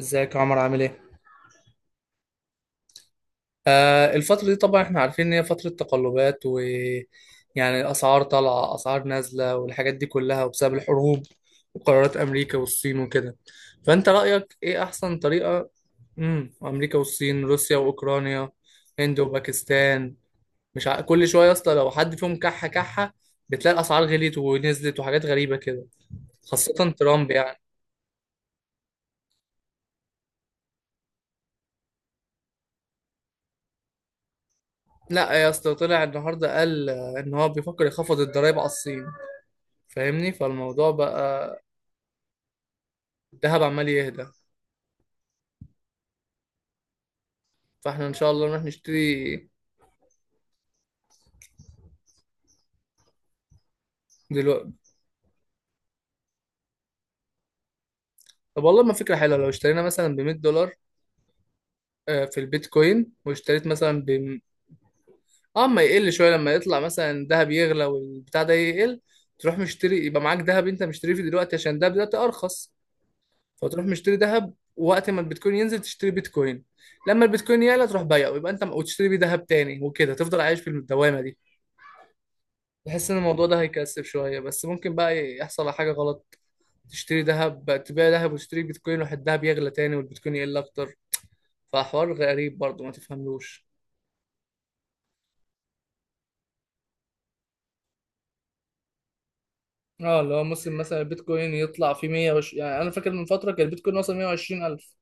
ازيك يا عمر، عامل ايه؟ آه، الفترة دي طبعا احنا عارفين ان هي فترة تقلبات و يعني اسعار طالعة، اسعار نازلة، والحاجات دي كلها، وبسبب الحروب وقرارات امريكا والصين وكده. فانت رأيك ايه احسن طريقة؟ امريكا والصين، روسيا واوكرانيا. هند وباكستان. مش كل شوية يا اسطى لو حد فيهم كحة كحة بتلاقي الاسعار غليت ونزلت، وحاجات غريبة كده. خاصة ترامب يعني. لا يا اسطى، طلع النهارده قال ان هو بيفكر يخفض الضرايب على الصين، فاهمني؟ فالموضوع بقى. الذهب عمال يهدى، فاحنا ان شاء الله نروح نشتري. دلوقتي. طب والله ما فكرة حلوة، لو اشترينا مثلا ب 100 دولار في البيتكوين، واشتريت مثلا ب... اه، ما يقل شوية لما يطلع مثلا الذهب يغلى والبتاع ده يقل. تروح مشتري، يبقى معاك ذهب انت مشتريه في دلوقتي عشان ده دلوقتي ارخص. فتروح مشتري ذهب، وقت ما البيتكوين ينزل تشتري بيتكوين. لما البيتكوين يعلى تروح بيعه، ويبقى انت وتشتري بيه ذهب تاني، وكده تفضل عايش في الدوامة دي. بحس ان الموضوع ده هيكسب شوية، بس ممكن بقى يحصل على حاجة غلط. تشتري ذهب، تبيع ذهب وتشتري بيتكوين، واحد الذهب يغلى تاني والبيتكوين يقل اكتر. فحوار غريب برضه ما تفهملوش. اه، اللي هو ممكن مثلا البيتكوين يطلع في 120. يعني انا فاكر من فتره كان البيتكوين وصل 120000.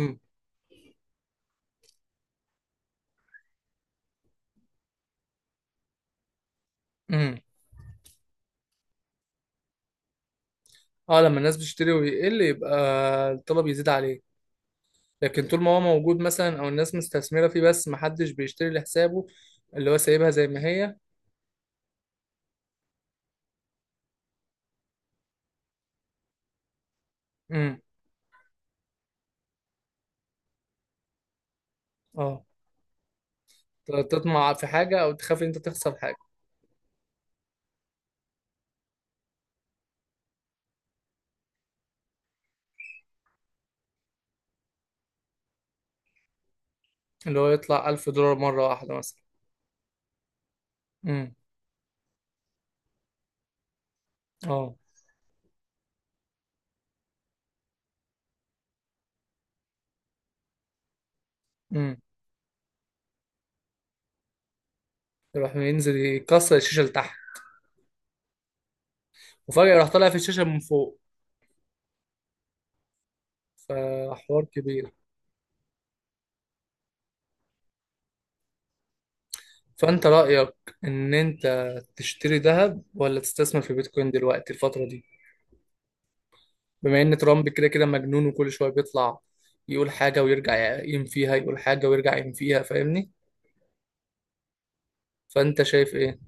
امم. امم. اه، لما الناس بتشتري ويقل يبقى الطلب يزيد عليه. لكن طول ما هو موجود مثلا او الناس مستثمره فيه بس ما حدش بيشتري لحسابه، اللي هو سايبها زي ما هي. امم. اه، تطمع في حاجه او تخاف ان انت تخسر حاجه. اللي هو يطلع 1000 دولار مره واحده مثلا. امم. اه، يروح ينزل يكسر الشاشة لتحت. وفجأة راح طالع في الشاشة من فوق. فحوار كبير. فأنت رأيك إن أنت تشتري ذهب ولا تستثمر في بيتكوين دلوقتي الفترة دي، بما إن ترامب كده كده مجنون وكل شوية بيطلع يقول حاجة ويرجع يقيم فيها، يقول حاجة ويرجع يقيم فيها، فاهمني؟ فأنت شايف إيه؟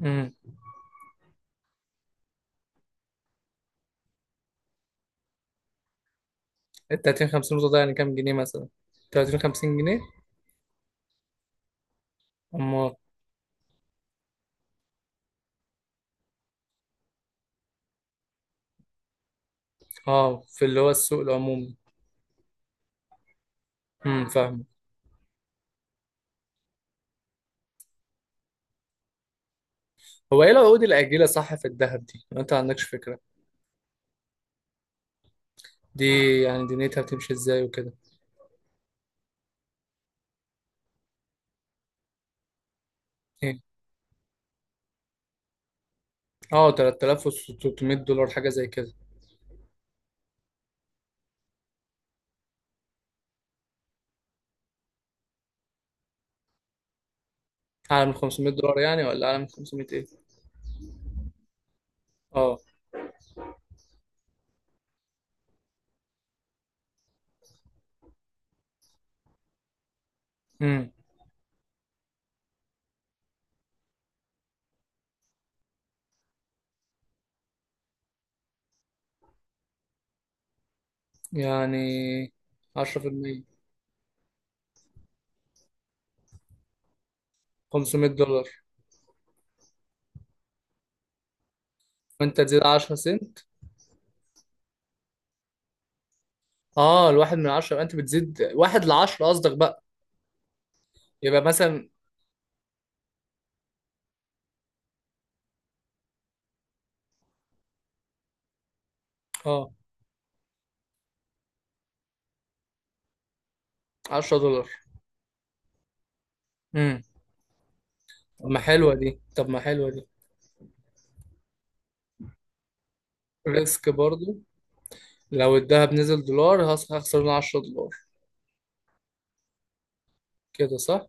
امم ال 30 50 نقطة ده يعني كام جنيه مثلا؟ 30 50 جنيه؟ أما... آه، في اللي هو السوق العمومي. امم. فاهم. هو إيه العقود الآجلة صح في الذهب دي؟ أنت ما عندكش فكرة دي؟ يعني دنيتها بتمشي ازاي وكده. ايه؟ اه، 3600 دولار حاجة زي كده. اعلى من 500 دولار يعني، ولا اعلى من 500 ايه؟ اه. امم يعني 10% 500 دولار وانت تزيد 10 سنت؟ اه، الواحد من 10 انت بتزيد واحد ل 10 قصدك بقى؟ يبقى مثلا اه، 10 دولار. امم. طب ما حلوة دي، طب ما حلوة دي. ريسك برضو، لو الذهب نزل دولار هخسر 10 دولار، كده صح؟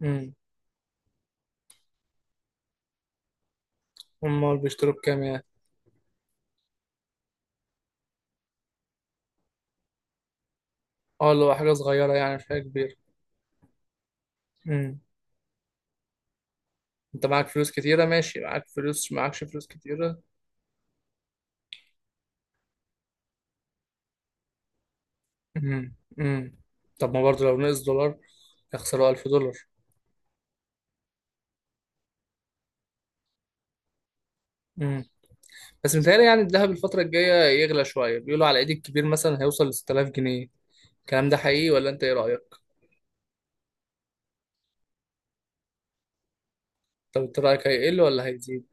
امم. امال بيشتروا بكام يعني؟ اه، اللي هو حاجة صغيرة يعني، مش حاجة كبيرة. امم. انت معاك فلوس كتيرة، ماشي، معاك فلوس معاكش فلوس كتيرة. امم. امم. طب ما برضه لو نقص دولار يخسروا 1000 دولار. امم. بس متهيألي يعني الذهب الفترة الجاية يغلى شوية، بيقولوا على العيد الكبير مثلا هيوصل ل 6000 جنيه. الكلام ده حقيقي ولا انت ايه رأيك؟ طب انت رأيك هيقل ولا هيزيد؟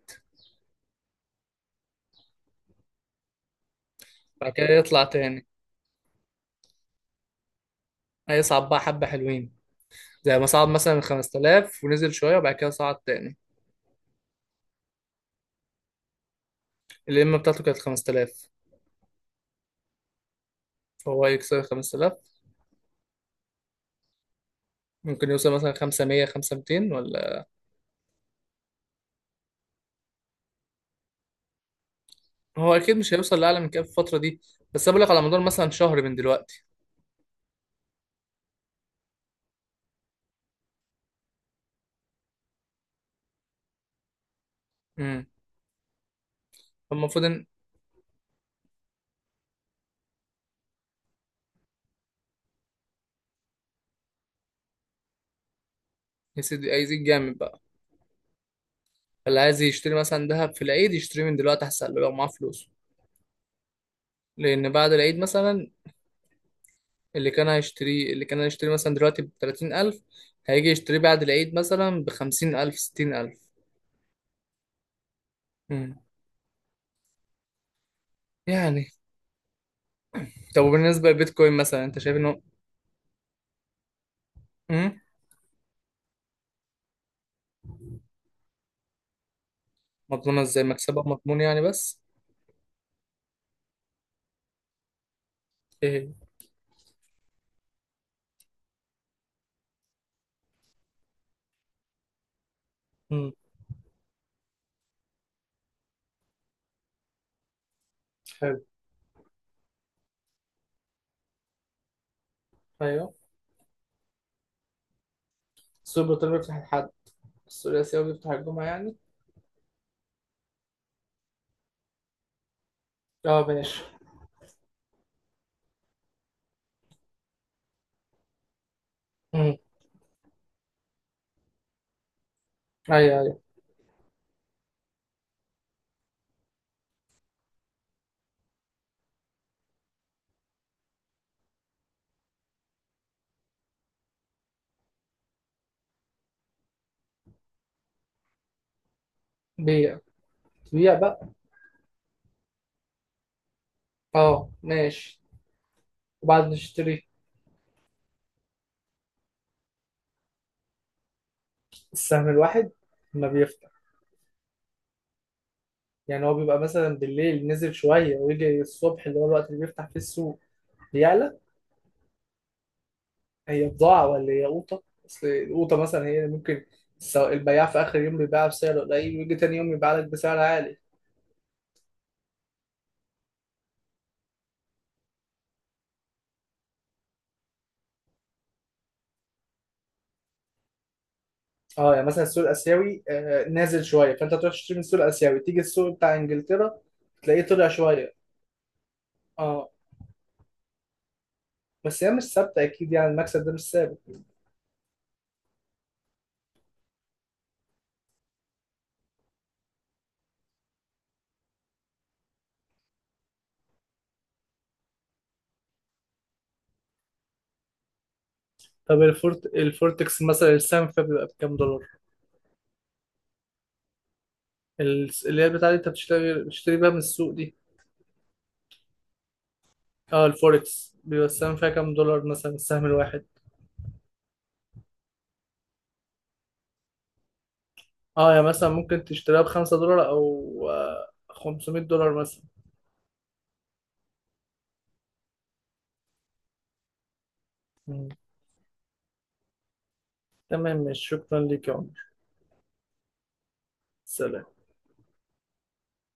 بعد كده يطلع تاني؟ هيصعد بقى حبة حلوين، زي ما صعد مثلا 5000 ونزل شوية وبعد كده صعد تاني. القمة بتاعته كانت 5000، فهو هيكسر 5000؟ ممكن يوصل مثلا 500 500، ولا؟ هو اكيد مش هيوصل لاعلى من كده في الفتره دي. بس انا بقول لك على مدار مثلا شهر من دلوقتي. امم. فالمفروض ان... يا سيدي هيزيد جامد بقى. اللي عايز يشتري مثلا ذهب في العيد يشتريه من دلوقتي احسن له لو معاه فلوس. لان بعد العيد مثلا، اللي كان هيشتريه، اللي كان هيشتري مثلا دلوقتي ب 30000 هيجي يشتريه بعد العيد مثلا ب 50000، 60000. امم. يعني... طب وبالنسبه للبيتكوين مثلا انت شايف انه... امم. مضمونه ازاي، مكسبها مضمون يعني بس؟ ايه. امم. حلو. ايوه. السوبر ايطالي بيفتح الحد. السوري الاسيوي بيفتح الجمعة يعني. اه، ماشي. امم. ايوه، ايوه. بيع. بيع بقى. اه، ماشي. وبعد نشتري. السهم الواحد ما بيفتح؟ يعني هو بيبقى مثلا بالليل نزل شوية، ويجي الصبح اللي هو الوقت اللي بيفتح فيه السوق بيعلى. هي بضاعة ولا هي قوطة؟ أصل القوطة مثلا هي ممكن البياع في آخر يوم بيبيعها بسعر قليل، ويجي تاني يوم يبيع لك بسعر عالي. اه، يعني مثلا السوق الآسيوي نازل شوية، فأنت تروح تشتري من السوق الآسيوي، تيجي السوق بتاع إنجلترا تلاقيه طلع شوية. اه، بس هي مش ثابته اكيد يعني، المكسب ده مش ثابت. طب الفورتكس مثلا السهم فيها بيبقى بكام دولار؟ اللي هي بتاعت انت بتشتري بيها من السوق دي. اه، الفوركس بيبقى السهم فيها كام دولار مثلا، السهم الواحد؟ اه، يعني مثلا ممكن تشتريها ب5 دولار او 500 دولار مثلا. مم. تمام، ماشي، شكرا ليك يا عمر. سلام.